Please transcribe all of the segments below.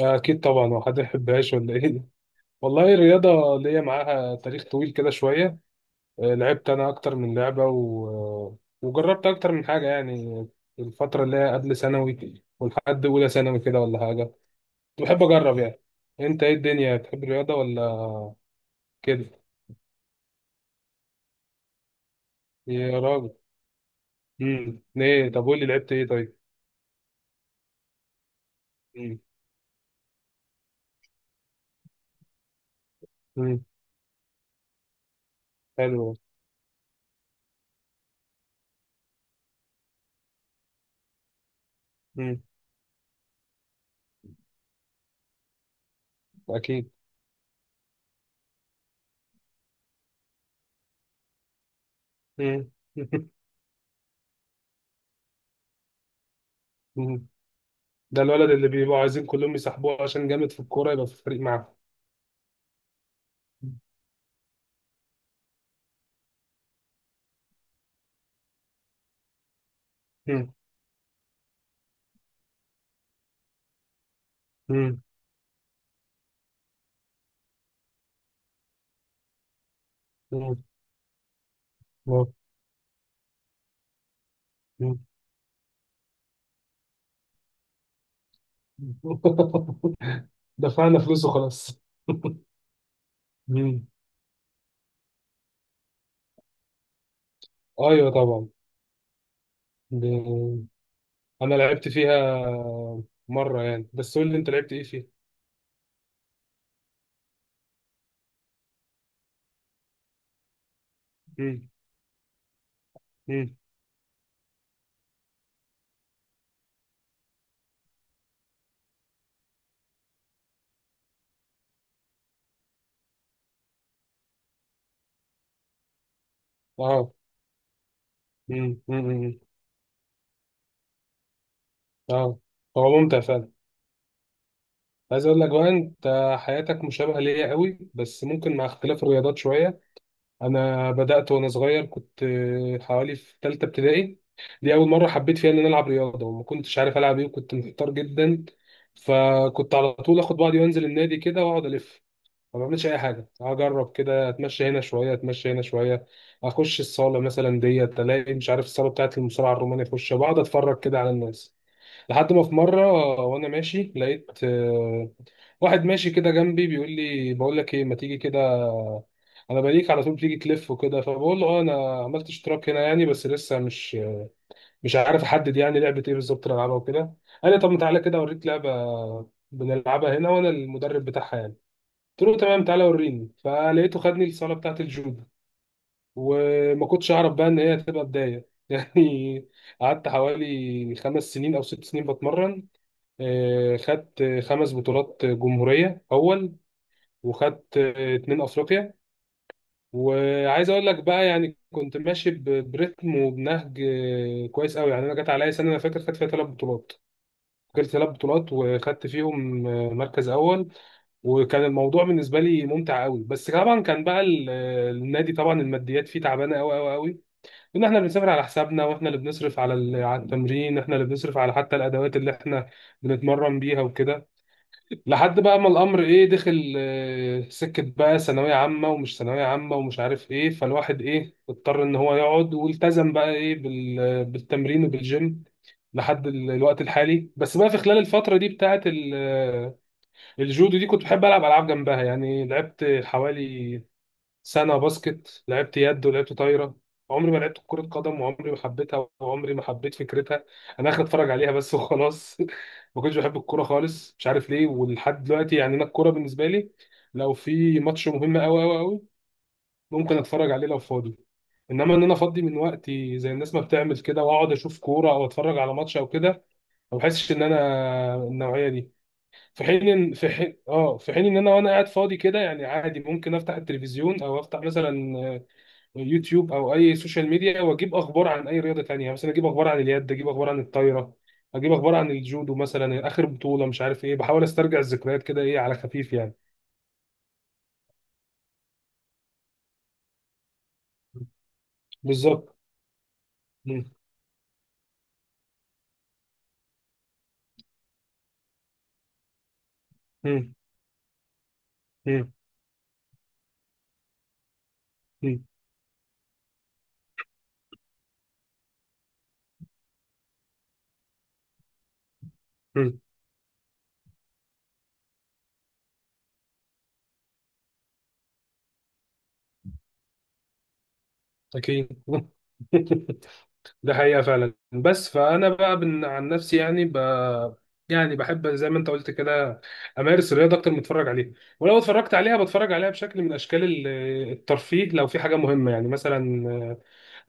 أكيد طبعا، وحد يحبهاش ولا إيه؟ والله الرياضة ليا معاها تاريخ طويل كده شوية. لعبت أنا أكتر من لعبة وجربت أكتر من حاجة يعني. الفترة اللي هي قبل ثانوي ولحد أولى ثانوي كده ولا حاجة، كنت بحب أجرب يعني. أنت إيه الدنيا، بتحب الرياضة ولا كده؟ يا راجل. إيه؟ طب قول لي لعبت إيه طيب؟ امم. امم. حلو. امم. أكيد. امم. ده الولد اللي بيبقوا عايزين كلهم يسحبوه عشان جامد في الكورة يبقى في الفريق معاهم. مم. مم. مم. مم. دفعنا فلوس وخلاص. مم. ايوه طبعا. ب- انا لعبت فيها مره يعني، بس قول لي انت لعبت ايه فيها؟ مم. مم. اه. مم. مم. مم. اه. هو ممتع فعلا. عايز اقول لك بقى، انت حياتك مشابهه ليا قوي بس ممكن مع اختلاف الرياضات شويه. انا بدات وانا صغير، كنت حوالي في ثالثه ابتدائي. دي اول مره حبيت فيها ان انا العب رياضه، وما كنتش عارف العب ايه، وكنت محتار جدا. فكنت على طول اخد بعضي وانزل النادي كده واقعد الف، ما بعملش اي حاجه، اجرب كده، اتمشى هنا شويه اتمشى هنا شويه. اخش الصاله مثلا ديت الاقي مش عارف الصاله بتاعت المصارعه الرومانيه، اخش بقعد اتفرج كده على الناس. لحد ما في مرة وأنا ماشي لقيت واحد ماشي كده جنبي بيقول لي، بقول لك إيه؟ ما تيجي كده، أنا بليك على طول بتيجي تلف وكده. فبقول له أه أنا عملت اشتراك هنا يعني، بس لسه مش عارف أحدد يعني لعبة إيه بالظبط اللي ألعبها وكده. قال لي طب ما تعالى كده أوريك لعبة بنلعبها هنا وأنا المدرب بتاعها يعني. قلت له تمام تعالى وريني، فلقيته خدني الصالة بتاعة الجودو. وما كنتش أعرف بقى إن هي هتبقى بداية يعني. قعدت حوالي خمس سنين أو ست سنين بتمرن، خدت خمس بطولات جمهورية أول، وخدت اتنين أفريقيا. وعايز أقول لك بقى يعني كنت ماشي برتم وبنهج كويس أوي يعني. أنا جت عليا سنة أنا فاكر خدت فيها ثلاث بطولات، فاكر ثلاث بطولات، وخدت فيهم مركز أول. وكان الموضوع بالنسبه لي ممتع قوي، بس طبعا كان بقى النادي، طبعا الماديات فيه تعبانه قوي قوي قوي. ان احنا بنسافر على حسابنا، واحنا اللي بنصرف على على التمرين، احنا اللي بنصرف على حتى الادوات اللي احنا بنتمرن بيها وكده. لحد بقى ما الامر ايه دخل سكه بقى ثانويه عامه ومش ثانويه عامه ومش عارف ايه، فالواحد ايه اضطر ان هو يقعد والتزم بقى ايه بالتمرين وبالجيم لحد الوقت الحالي. بس بقى في خلال الفتره دي بتاعه الجودو دي كنت بحب العب العاب جنبها يعني، لعبت حوالي سنة باسكت، لعبت يد ولعبت طايرة. عمري ما لعبت كرة قدم، وعمري ما حبيتها، وعمري ما حبيت فكرتها. أنا آخر أتفرج عليها بس وخلاص ما كنتش بحب الكورة خالص، مش عارف ليه، ولحد دلوقتي يعني أنا الكورة بالنسبة لي لو في ماتش مهم أوي أوي أوي ممكن أتفرج عليه لو فاضي. إنما إن أنا أفضي من وقتي زي الناس ما بتعمل كده وأقعد أشوف كورة أو أتفرج على ماتش أو كده، ما بحسش إن أنا النوعية دي. في حين إن- في حين اه في حين ان انا وانا قاعد فاضي كده يعني عادي ممكن افتح التلفزيون او افتح مثلا يوتيوب او اي سوشيال ميديا واجيب اخبار عن اي رياضه تانية، مثلا اجيب اخبار عن اليد، اجيب اخبار عن الطايره، اجيب اخبار عن الجودو، مثلا اخر بطوله مش عارف ايه، بحاول استرجع الذكريات كده ايه على خفيف يعني. بالظبط. مم. مم. مم. مم. مم. اكيد ده حقيقه فعلا، بس فانا بقى عن نفسي يعني يعني بحب زي ما انت قلت كده، امارس الرياضه اكتر ما اتفرج عليها. ولو اتفرجت عليها بتفرج عليها بشكل من اشكال الترفيه لو في حاجه مهمه يعني، مثلا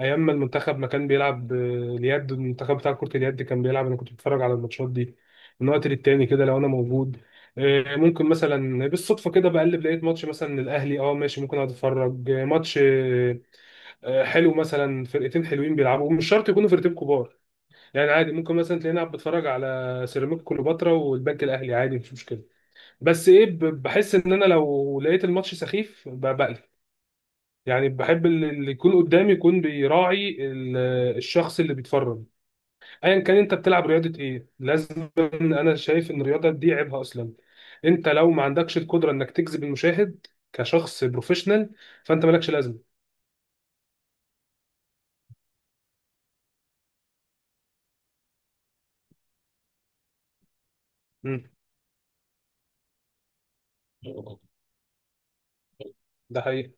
ايام ما المنتخب ما كان بيلعب اليد، المنتخب بتاع كرة اليد كان بيلعب انا كنت بتفرج على الماتشات دي من وقت للتاني كده لو انا موجود. ممكن مثلا بالصدفة كده بقلب لقيت ماتش مثلا الاهلي اه ماشي، ممكن اقعد اتفرج ماتش حلو، مثلا فرقتين حلوين بيلعبوا مش شرط يكونوا فرقتين كبار يعني، عادي ممكن مثلا تلاقيني قاعد بتفرج على سيراميكا كليوباترا والبنك الاهلي عادي مش مشكلة. بس ايه بحس ان انا لو لقيت الماتش سخيف بقلب، يعني بحب اللي يكون قدامي يكون بيراعي الشخص اللي بيتفرج، ايا كان انت بتلعب رياضه ايه لازم. انا شايف ان الرياضه دي عيبها اصلا انت لو ما عندكش القدره انك تجذب المشاهد كشخص بروفيشنال فانت مالكش لازمه. مم. ده حقيقي.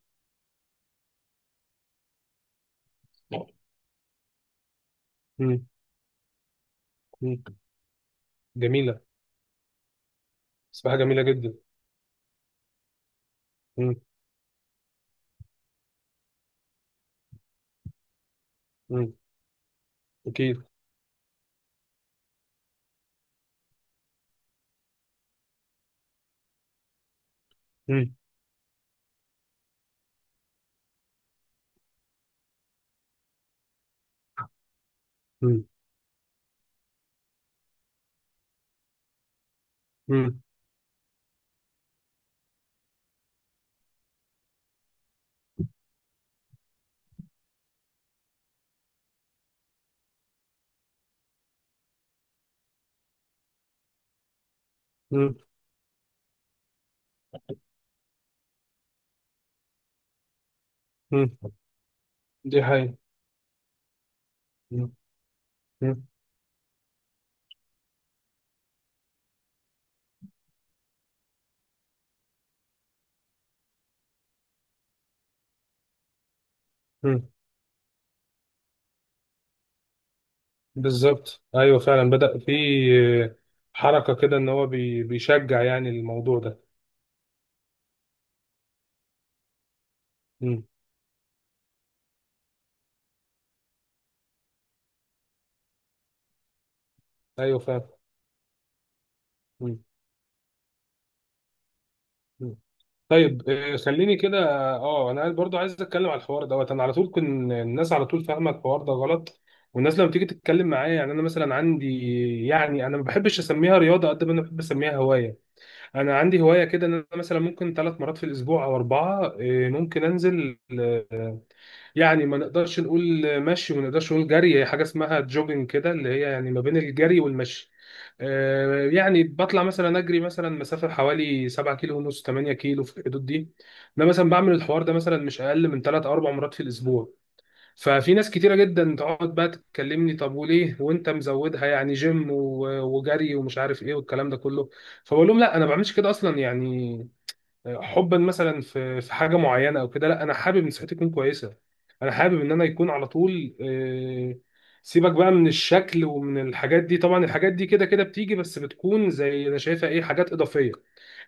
مم. مم. جميله. سباحه جميله جدا. مم. مم. اكيد. مم. مم. مم. مم. مم. دي حقيقه. مم. مم. بالظبط ايوه فعلا بدأ في حركه كده ان هو بيشجع يعني الموضوع ده. مم. ايوه فعلا. مم. مم. طيب خليني كده. اه، انا برضو عايز اتكلم على الحوار دوت، انا على طول كن الناس على طول فاهمه الحوار ده غلط. والناس لما تيجي تتكلم معايا، يعني انا مثلا عندي، يعني انا ما بحبش اسميها رياضه قد ما انا بحب اسميها هوايه. انا عندي هوايه كده، ان انا مثلا ممكن ثلاث مرات في الاسبوع او اربعه، ممكن انزل يعني، ما نقدرش نقول مشي وما نقدرش نقول جري، هي حاجه اسمها جوجنج كده اللي هي يعني ما بين الجري والمشي. يعني بطلع مثلا اجري مثلا مسافه حوالي 7 كيلو ونص 8 كيلو في الحدود دي. انا مثلا بعمل الحوار ده مثلا مش اقل من 3 او 4 مرات في الاسبوع، ففي ناس كتيره جدا تقعد بقى تكلمني، طب وليه وانت مزودها يعني جيم وجري ومش عارف ايه والكلام ده كله. فبقول لهم لا انا ما بعملش كده اصلا يعني حبا مثلا في حاجه معينه او كده، لا انا حابب ان صحتي تكون كويسه. انا حابب ان انا يكون على طول، سيبك بقى من الشكل ومن الحاجات دي، طبعا الحاجات دي كده كده بتيجي بس بتكون زي انا شايفها ايه حاجات اضافيه،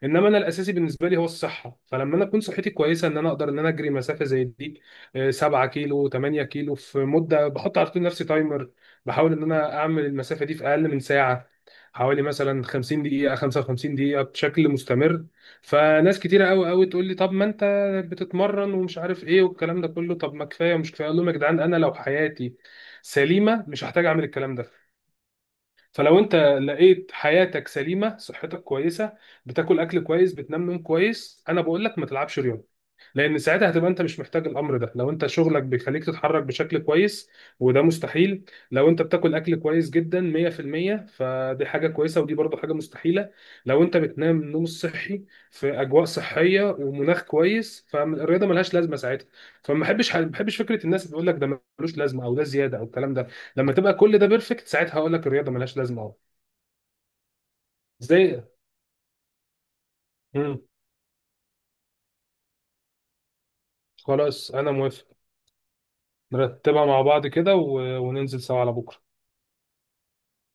انما انا الاساسي بالنسبه لي هو الصحه. فلما انا اكون صحتي كويسه ان انا اقدر ان انا اجري مسافه زي دي، 7 كيلو 8 كيلو في مده بحط على طول نفسي تايمر، بحاول ان انا اعمل المسافه دي في اقل من ساعه، حوالي مثلا 50 دقيقه 55 دقيقه بشكل مستمر. فناس كتيره قوي قوي تقول لي، طب ما انت بتتمرن ومش عارف ايه والكلام ده كله، طب ما كفايه ومش كفايه، اقول لهم يا جدعان انا لو حياتي سليمه مش هحتاج اعمل الكلام ده. فلو انت لقيت حياتك سليمه، صحتك كويسه، بتاكل اكل كويس، بتنام نوم كويس، انا بقول لك ما تلعبش رياضه، لان ساعتها هتبقى انت مش محتاج الامر ده لو انت شغلك بيخليك تتحرك بشكل كويس، وده مستحيل. لو انت بتاكل اكل كويس جدا 100% فدي حاجه كويسه ودي برضو حاجه مستحيله، لو انت بتنام نوم صحي في اجواء صحيه ومناخ كويس، فالرياضه ملهاش لازمه ساعتها. فما بحبش ما بحبش فكره الناس اللي بتقول لك ده ملوش لازمه او ده زياده او الكلام ده، لما تبقى كل ده بيرفكت ساعتها هقول لك الرياضه ملهاش لازمه اهو. زي. مم. خلاص انا موافق. نرتبها مع بعض كده وننزل سوا على بكره.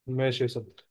ماشي يا صديقي.